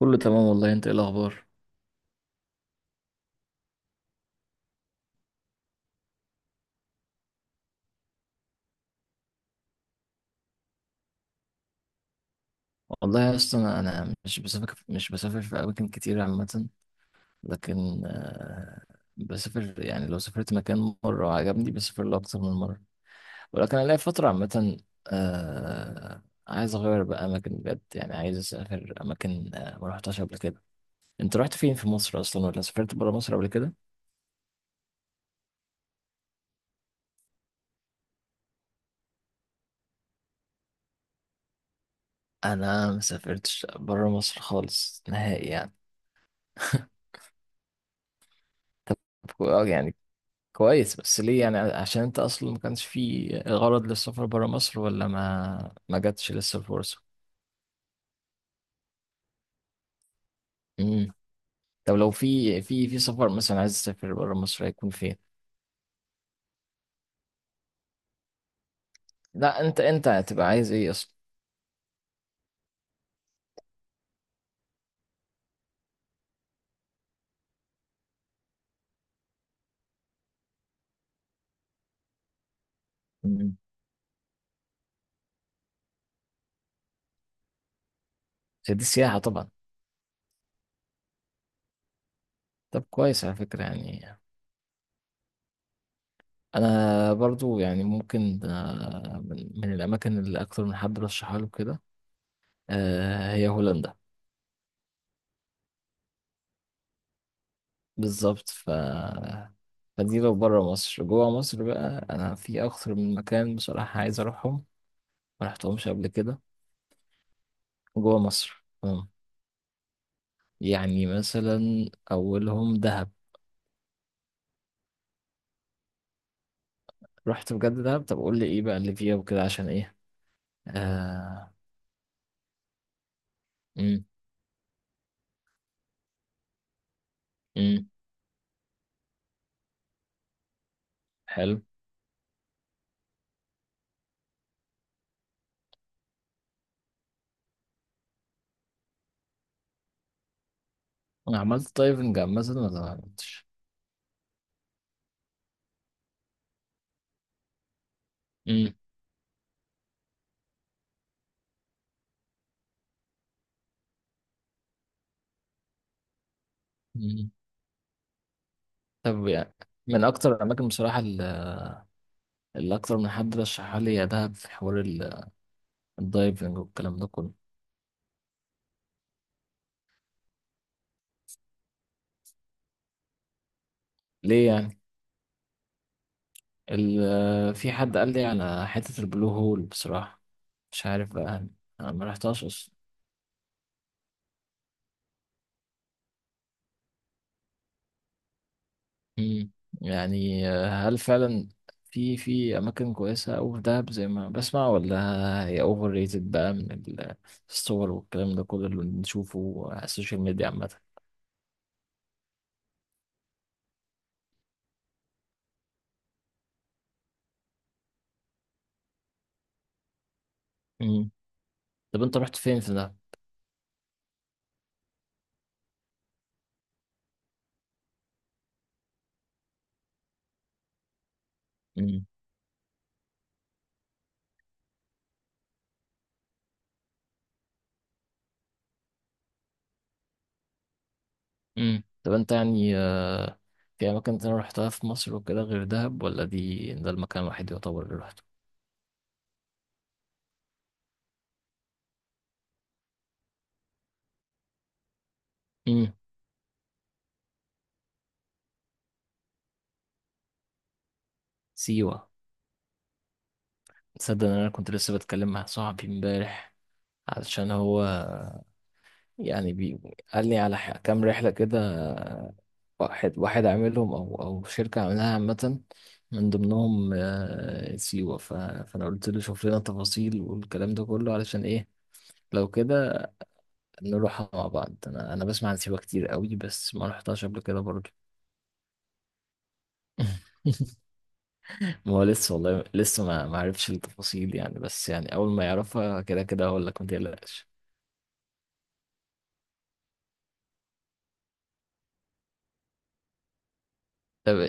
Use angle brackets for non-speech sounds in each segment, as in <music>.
كله تمام والله، انت ايه الاخبار؟ والله يا اسطى، انا مش بسافر في اماكن كتير عامه. لكن بسافر يعني، لو سافرت مكان مره وعجبني بسافر له اكتر من مره. ولكن انا ليا فتره عامه، عايز اغير بقى اماكن بجد، يعني عايز اسافر اماكن ما رحتهاش قبل كده. انت رحت فين في مصر اصلا، ولا سافرت بره مصر قبل كده؟ انا ما سافرتش بره مصر خالص، نهائي يعني. <laughs> طب، يعني كويس، بس ليه يعني؟ عشان انت اصلا ما كانش في غرض للسفر برا مصر، ولا ما جاتش لسه الفرصه؟ امم. طب لو في سفر مثلا، عايز تسافر برا مصر، هيكون فين؟ لا، انت هتبقى عايز ايه اصلا؟ امم. دي سياحه طبعا. طب كويس على فكره يعني. انا برضو يعني ممكن، من الاماكن اللي اكتر من حد رشحها له كده، هي هولندا. بالظبط. فدي لو بره مصر. جوه مصر بقى انا في اكتر من مكان بصراحة عايز اروحهم، ما رحتهمش قبل كده. جوه مصر، أه. يعني مثلا اولهم دهب. رحت بجد دهب؟ طب قول لي ايه بقى اللي فيها وكده، عشان ايه؟ آه. امم. امم. حلو. انا عملت دايفنج مثلا، ولا ما عملتش؟ امم. أمم. طب يعني من اكتر الاماكن بصراحة اللي اكتر من حد رشحها لي يا دهب، في حوار الدايفنج والكلام ده كله. ليه يعني؟ في حد قال لي على حتة البلو هول بصراحة، مش عارف بقى، أنا ما رحتهاش أصلا. مم. يعني هل فعلا في أماكن كويسة أوي في دهب زي ما بسمع، ولا هي أوفر ريتد بقى من الصور والكلام ده كله اللي بنشوفه على السوشيال ميديا عامة؟ مم. طب أنت رحت فين في دهب؟ مم. مم. طب أنت يعني، في أماكن تانية رحتها في مصر وكده غير دهب، ولا ده المكان الوحيد يعتبر اللي رحته؟ مم. سيوة. تصدق ان انا كنت لسه بتكلم مع صاحبي امبارح، علشان هو يعني قال لي على كام رحله كده، واحد واحد عاملهم، او شركه عاملاها عامه، من ضمنهم سيوه. فانا قلت له شوف لنا تفاصيل والكلام ده كله علشان ايه، لو كده نروحها مع بعض. انا بسمع عن سيوه كتير قوي، بس ما رحتهاش قبل كده برضه. <laughs> ما هو لسه والله، لسه ما عرفش التفاصيل يعني، بس يعني اول ما يعرفها كده كده هقول لك، ما تقلقش. طب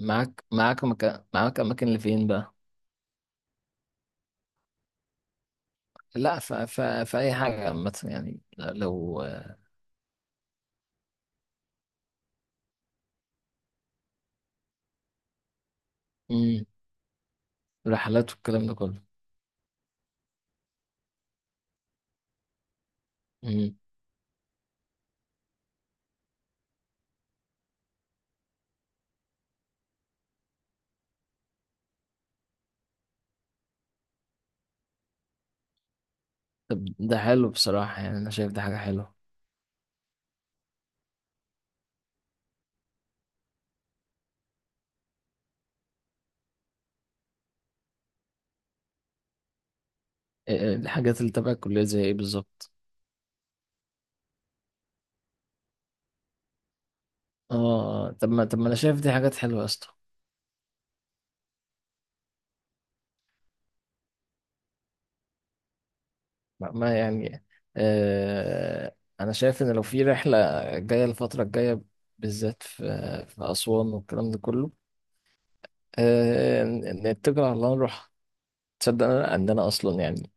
معاك اماكن لفين بقى؟ لا، في اي حاجه عامه يعني، لو مم. رحلات والكلام ده كله. مم. طب ده حلو بصراحه يعني، انا شايف دي حاجه حلوه. إيه الحاجات اللي تبع الكليه زي ايه بالظبط؟ اه، طب ما انا شايف دي حاجات حلوه يا اسطى. ما يعني. انا شايف ان لو في رحله جايه الفتره الجايه، بالذات في اسوان والكلام ده كله، نتكل على الله نروح. تصدق انا ان انا اصلا يعني،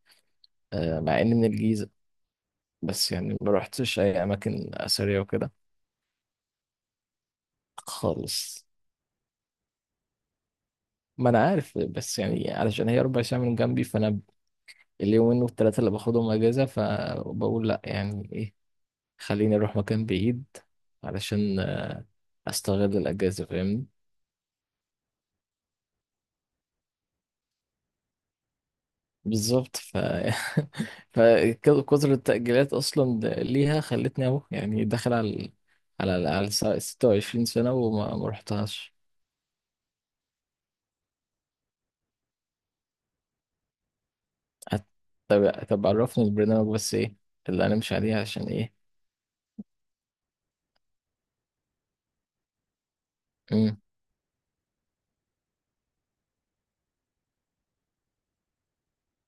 مع اني من الجيزة، بس يعني ما رحتش اي اماكن اثرية وكده خالص. ما انا عارف، بس يعني علشان هي ربع ساعة من جنبي، فانا اليومين والتلاتة اللي باخدهم اجازة، فبقول لا يعني ايه، خليني اروح مكان بعيد علشان استغل الاجازة فاهمني. بالظبط. <laughs> فكثر التأجيلات اصلا ليها خلتني اهو، يعني داخل على على على 26 سنة، وما ما رحتهاش. أت- طب عرفني البرنامج بس، ايه اللي هنمشي عليه عشان ايه؟ مم.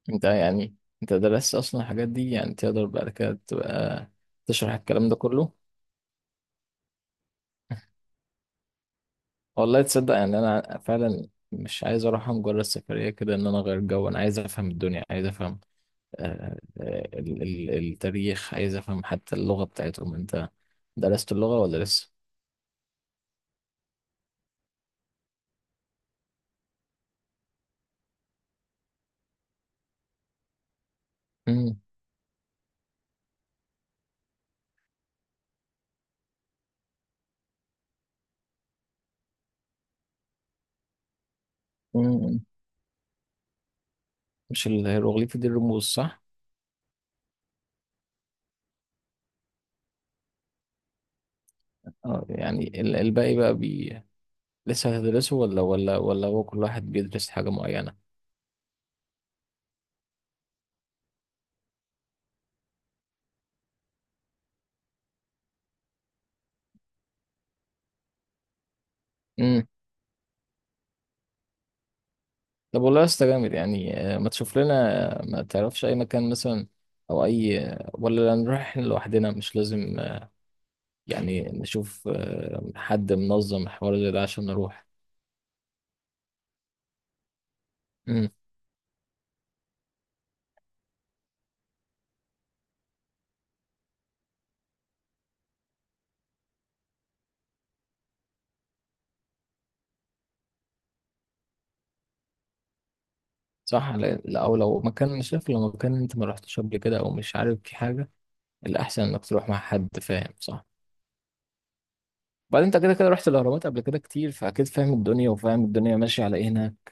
انت يعني انت درست اصلا الحاجات دي، يعني تقدر بعد كده تبقى تشرح الكلام ده كله؟ والله تصدق يعني انا فعلا مش عايز اروح مجرد سفرية كده، ان انا اغير جو. انا عايز افهم الدنيا، عايز افهم التاريخ، عايز افهم حتى اللغة بتاعتهم. انت درست اللغة ولا لسه؟ مم. مم. مش الهيروغليفي دي الرموز، صح؟ اه، يعني الباقي بقى لسه هتدرسه، ولا هو كل واحد بيدرس حاجة معينة؟ امم. طب والله يا اسطى جامد يعني، ما تشوف لنا، ما تعرفش اي مكان مثلا، او اي ولا نروح إحنا لوحدنا، مش لازم، يعني نشوف حد منظم الحوار زي ده عشان نروح. امم. صح، لا، لا، او لو مكان انت ما رحتش قبل كده، او مش عارف في حاجة. الاحسن انك تروح مع حد فاهم، صح؟ وبعدين انت كده كده رحت الاهرامات قبل كده كتير، فاكيد فاهم الدنيا وفاهم الدنيا ماشية على ايه هناك.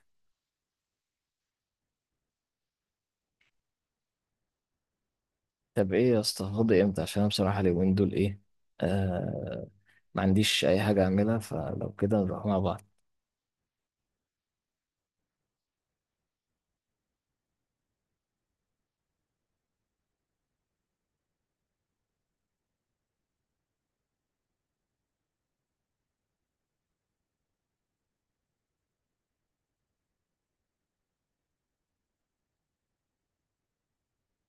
طب ايه يا اسطى، فاضي امتى؟ عشان انا بصراحه اليومين دول، ايه، آه ما عنديش اي حاجه اعملها، فلو كده نروح مع بعض.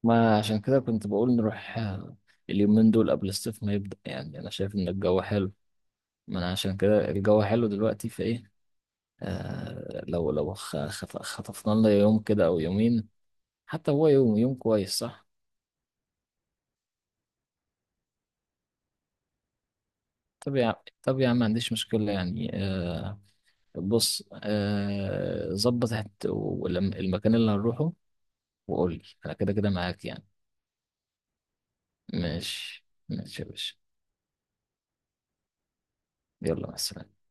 ما عشان كده كنت بقول نروح، اليومين دول قبل الصيف ما يبدا، يعني انا شايف ان الجو حلو. ما انا عشان كده الجو حلو دلوقتي فايه. لو خطفنا لنا يوم كده او يومين، حتى هو يوم، يوم كويس صح؟ طب يا عم طب يا عم ما عنديش مشكله يعني، بص، ظبط المكان اللي هنروحه، وقول لي، انا كده كده معاك يعني. ماشي، ماشي يا باشا. يلا، مع السلامة.